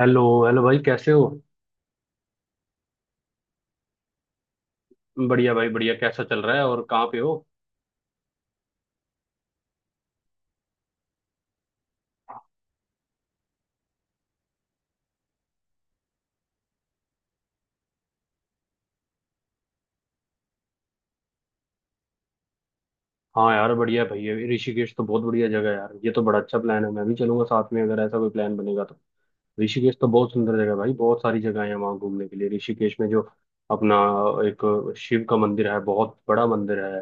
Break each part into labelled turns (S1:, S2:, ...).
S1: Hello hello भाई, कैसे हो। बढ़िया भाई बढ़िया। कैसा चल रहा है, और कहाँ पे हो। हाँ यार बढ़िया भाई, ये ऋषिकेश तो बहुत बढ़िया जगह है यार। ये तो बड़ा अच्छा प्लान है, मैं भी चलूंगा साथ में अगर ऐसा कोई प्लान बनेगा तो। ऋषिकेश तो बहुत सुंदर जगह है भाई, बहुत सारी जगह है वहाँ घूमने के लिए। ऋषिकेश में जो अपना एक शिव का मंदिर है, बहुत बड़ा मंदिर है।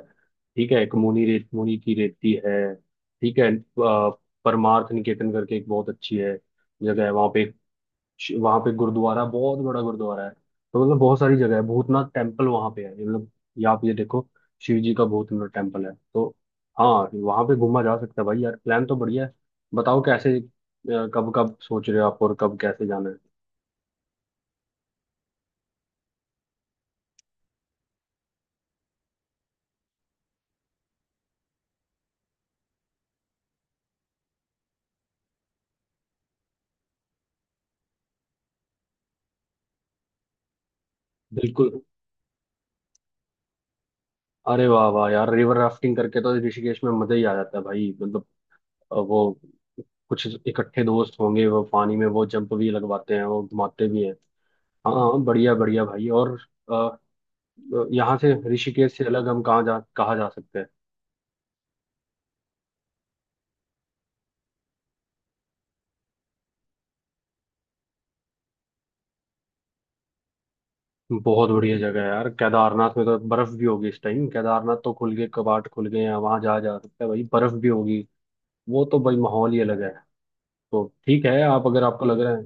S1: ठीक है, एक मुनि की रेती है, ठीक है। परमार्थ निकेतन करके एक बहुत अच्छी है जगह है वहाँ पे। वहाँ पे गुरुद्वारा, बहुत बड़ा गुरुद्वारा है। तो मतलब बहुत सारी जगह है, भूतनाथ टेम्पल वहाँ पे है, ये मतलब ये आप ये देखो, शिव जी का भूतनाथ टेम्पल है तो। हाँ, वहाँ पे घूमा जा सकता है भाई। यार प्लान तो बढ़िया है, बताओ कैसे, कब कब सोच रहे हो आप, और कब कैसे जाना है। बिल्कुल। अरे वाह वाह यार, रिवर राफ्टिंग करके तो ऋषिकेश में मजा ही आ जाता है भाई। मतलब वो कुछ इकट्ठे दोस्त होंगे, वो पानी में वो जंप भी लगवाते हैं, वो घुमाते भी हैं। हाँ हाँ, बढ़िया बढ़िया भाई। और अ, यहाँ से ऋषिकेश से अलग हम कहाँ जा सकते हैं। बहुत बढ़िया जगह है यार, केदारनाथ में तो बर्फ भी होगी इस टाइम। केदारनाथ तो खुल गए, कपाट खुल गए हैं, वहां जाया जा सकता है भाई, बर्फ भी होगी। वो तो भाई माहौल ही अलग है। तो ठीक है, आप अगर आपको लग रहा है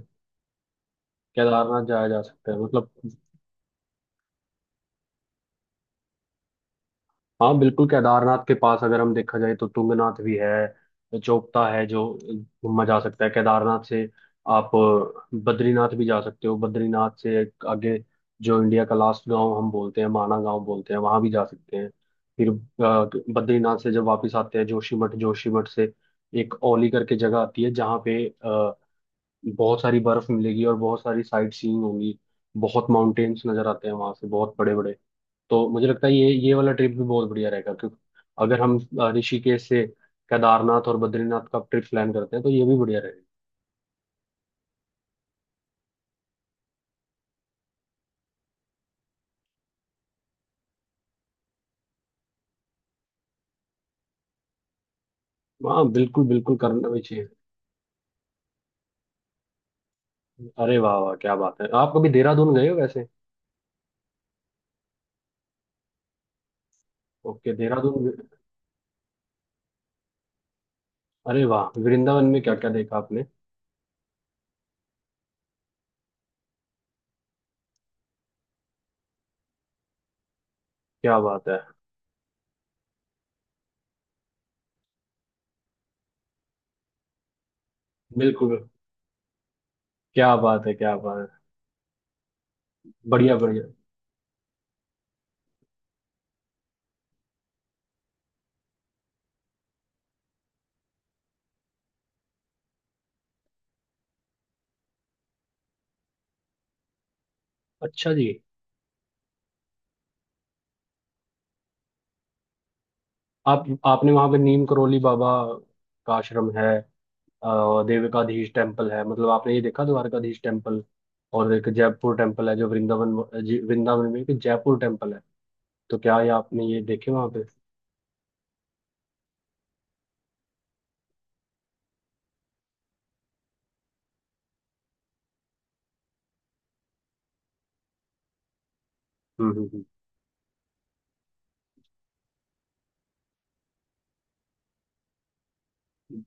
S1: केदारनाथ जाया जा सकता है मतलब। हाँ बिल्कुल, केदारनाथ के पास अगर हम देखा जाए तो तुंगनाथ भी है, जोगता है जो घूमा जा सकता है केदारनाथ से। आप बद्रीनाथ भी जा सकते हो। बद्रीनाथ से एक आगे जो इंडिया का लास्ट गांव हम बोलते हैं, माना गांव बोलते हैं, वहां भी जा सकते हैं। फिर बद्रीनाथ से जब वापस आते हैं जोशीमठ, जोशीमठ से एक औली करके जगह आती है जहाँ पे बहुत सारी बर्फ मिलेगी, और बहुत सारी साइट सीइंग होगी। बहुत माउंटेन्स नजर आते हैं वहां से, बहुत बड़े बड़े। तो मुझे लगता है ये वाला ट्रिप भी बहुत बढ़िया रहेगा, क्योंकि अगर हम ऋषिकेश से केदारनाथ और बद्रीनाथ का ट्रिप प्लान करते हैं तो ये भी बढ़िया रहेगा। हाँ बिल्कुल बिल्कुल, करना भी चाहिए। अरे वाह वाह, क्या बात है। आप कभी देहरादून गए हो वैसे। ओके, देहरादून। अरे वाह, वृंदावन में क्या क्या देखा आपने। क्या बात है। बिल्कुल। क्या बात है, क्या बात है। बढ़िया बढ़िया। अच्छा जी। आप आपने वहां पे नीम करोली बाबा का आश्रम है, देविकाधीश टेम्पल है, मतलब आपने ये देखा, द्वारकाधीश टेम्पल। और एक जयपुर टेम्पल है जो वृंदावन, वृंदावन में एक जयपुर टेम्पल है, तो क्या ये आपने ये देखे वहां पे। हम्म। हम्म।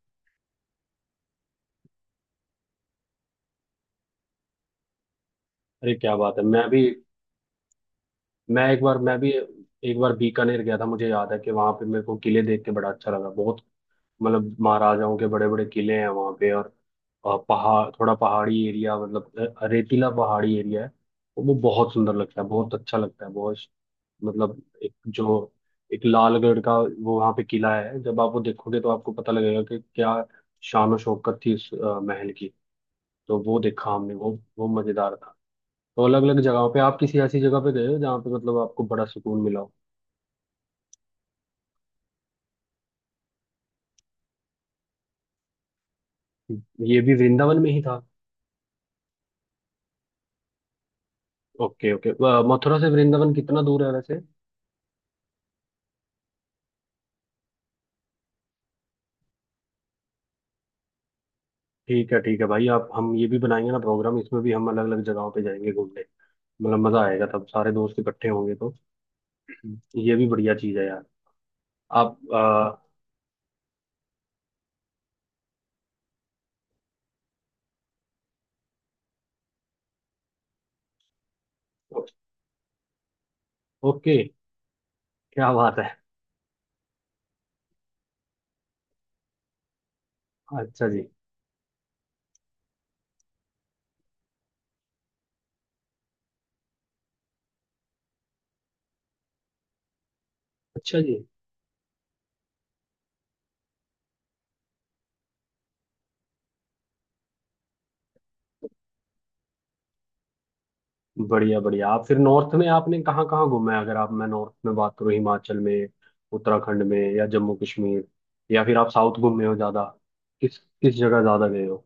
S1: अरे क्या बात है, मैं भी। मैं एक बार मैं भी एक बार बीकानेर गया था, मुझे याद है कि वहां पे मेरे को किले देख के बड़ा अच्छा लगा बहुत। मतलब महाराजाओं के बड़े बड़े किले हैं वहाँ पे, और पहाड़, थोड़ा पहाड़ी एरिया, मतलब रेतीला पहाड़ी एरिया है, वो बहुत सुंदर लगता है, बहुत अच्छा लगता है बहुत। मतलब एक जो एक लालगढ़ का वो वहाँ पे किला है, जब आप वो देखोगे तो आपको पता लगेगा कि क्या शान और शौकत थी उस महल की। तो वो देखा हमने, वो मजेदार था। तो अलग अलग जगहों पे आप किसी ऐसी जगह पे गए हो जहाँ पे मतलब आपको बड़ा सुकून मिला हो। ये भी वृंदावन में ही था। Okay okay. मथुरा से वृंदावन कितना दूर है वैसे। ठीक है भाई, आप हम ये भी बनाएंगे ना प्रोग्राम, इसमें भी हम अलग अलग जगहों पे जाएंगे घूमने। मतलब मजा आएगा, तब सारे दोस्त इकट्ठे होंगे तो ये भी बढ़िया चीज है यार। आप ओ- ओके। क्या बात है। अच्छा जी। अच्छा जी। बढ़िया बढ़िया। आप फिर नॉर्थ में आपने कहाँ कहाँ घूमा है, अगर आप, मैं नॉर्थ में बात करूँ, हिमाचल में, उत्तराखंड में या जम्मू कश्मीर, या फिर आप साउथ घूमे हो ज्यादा। किस किस जगह ज्यादा गए हो।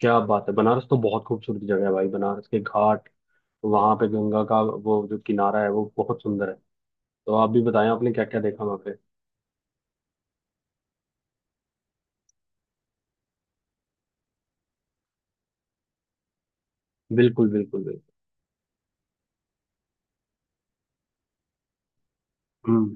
S1: क्या बात है, बनारस तो बहुत खूबसूरत जगह है भाई, बनारस के घाट, वहां पे गंगा का वो जो किनारा है वो बहुत सुंदर है। तो आप भी बताएं आपने क्या क्या देखा वहां पे। बिल्कुल बिल्कुल बिल्कुल। हम्म।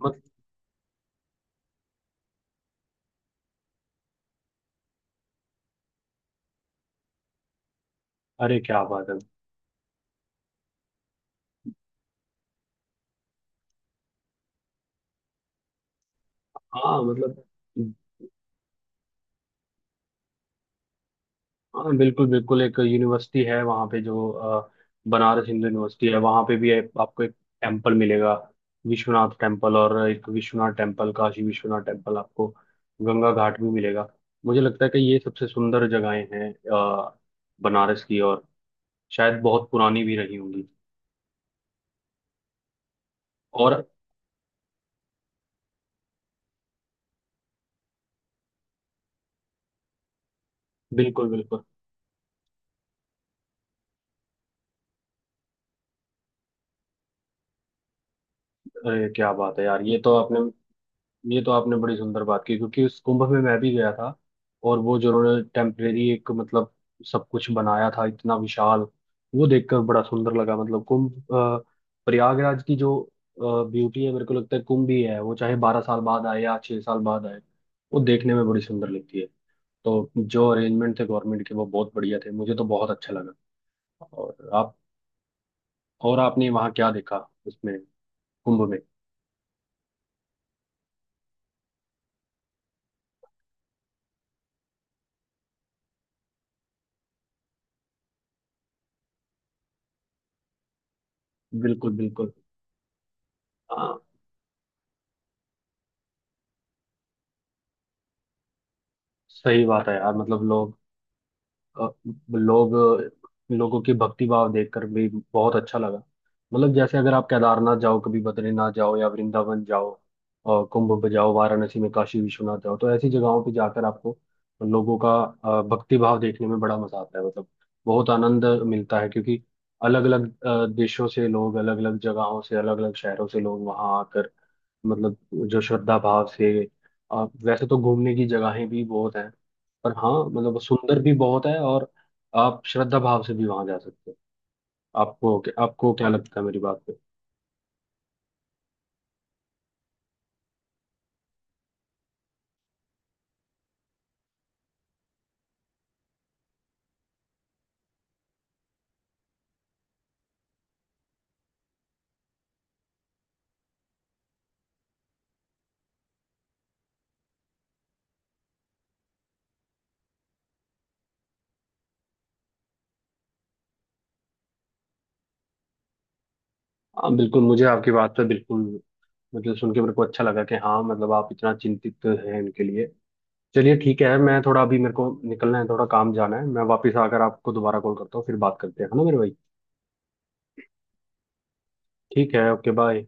S1: मत अरे क्या बात है। हाँ मतलब। हाँ बिल्कुल बिल्कुल, एक यूनिवर्सिटी है वहाँ पे जो, बनारस हिंदू यूनिवर्सिटी है, वहाँ पे भी है, आपको एक टेम्पल मिलेगा, विश्वनाथ टेम्पल। और एक विश्वनाथ टेम्पल, काशी विश्वनाथ टेम्पल आपको, गंगा घाट भी मिलेगा। मुझे लगता है कि ये सबसे सुंदर जगहें हैं बनारस की, और शायद बहुत पुरानी भी रही होंगी। और बिल्कुल बिल्कुल। अरे क्या बात है यार, ये तो आपने बड़ी सुंदर बात की, क्योंकि उस कुंभ में मैं भी गया था। और वो जो उन्होंने टेम्परेरी एक मतलब सब कुछ बनाया था इतना विशाल, वो देखकर बड़ा सुंदर लगा। मतलब कुंभ, प्रयागराज की जो ब्यूटी है, मेरे को लगता है कुंभ ही है, वो चाहे बारह साल बाद आए या छह साल बाद आए, वो देखने में बड़ी सुंदर लगती है। तो जो अरेंजमेंट थे गवर्नमेंट के वो बहुत बढ़िया थे, मुझे तो बहुत अच्छा लगा। और आप, और आपने वहाँ क्या देखा, उसमें कुंभ में। बिल्कुल बिल्कुल। हाँ सही बात है यार, मतलब अ, लोग लोगों की भक्ति भाव देखकर भी बहुत अच्छा लगा। मतलब जैसे अगर आप केदारनाथ जाओ कभी, बद्रीनाथ जाओ या वृंदावन जाओ, और कुंभ पे जाओ, वाराणसी में काशी विश्वनाथ जाओ, तो ऐसी जगहों पे जाकर आपको लोगों का भक्ति भाव देखने में बड़ा मजा आता है। मतलब बहुत आनंद मिलता है, क्योंकि अलग अलग देशों से लोग, अलग अलग जगहों से, अलग अलग शहरों से लोग वहाँ आकर, मतलब जो श्रद्धा भाव से, वैसे तो घूमने की जगहें भी बहुत हैं, पर हाँ मतलब सुंदर भी बहुत है, और आप श्रद्धा भाव से भी वहां जा सकते हो। आपको आपको क्या लगता है मेरी बात पे। हाँ बिल्कुल, मुझे आपकी बात पे बिल्कुल मतलब सुन के मेरे को अच्छा लगा कि हाँ मतलब आप इतना चिंतित हैं इनके लिए। चलिए ठीक है, मैं थोड़ा अभी, मेरे को निकलना है, थोड़ा काम जाना है, मैं वापस आकर आपको दोबारा कॉल करता हूँ, फिर बात करते हैं, है ना मेरे भाई। ठीक है, ओके बाय।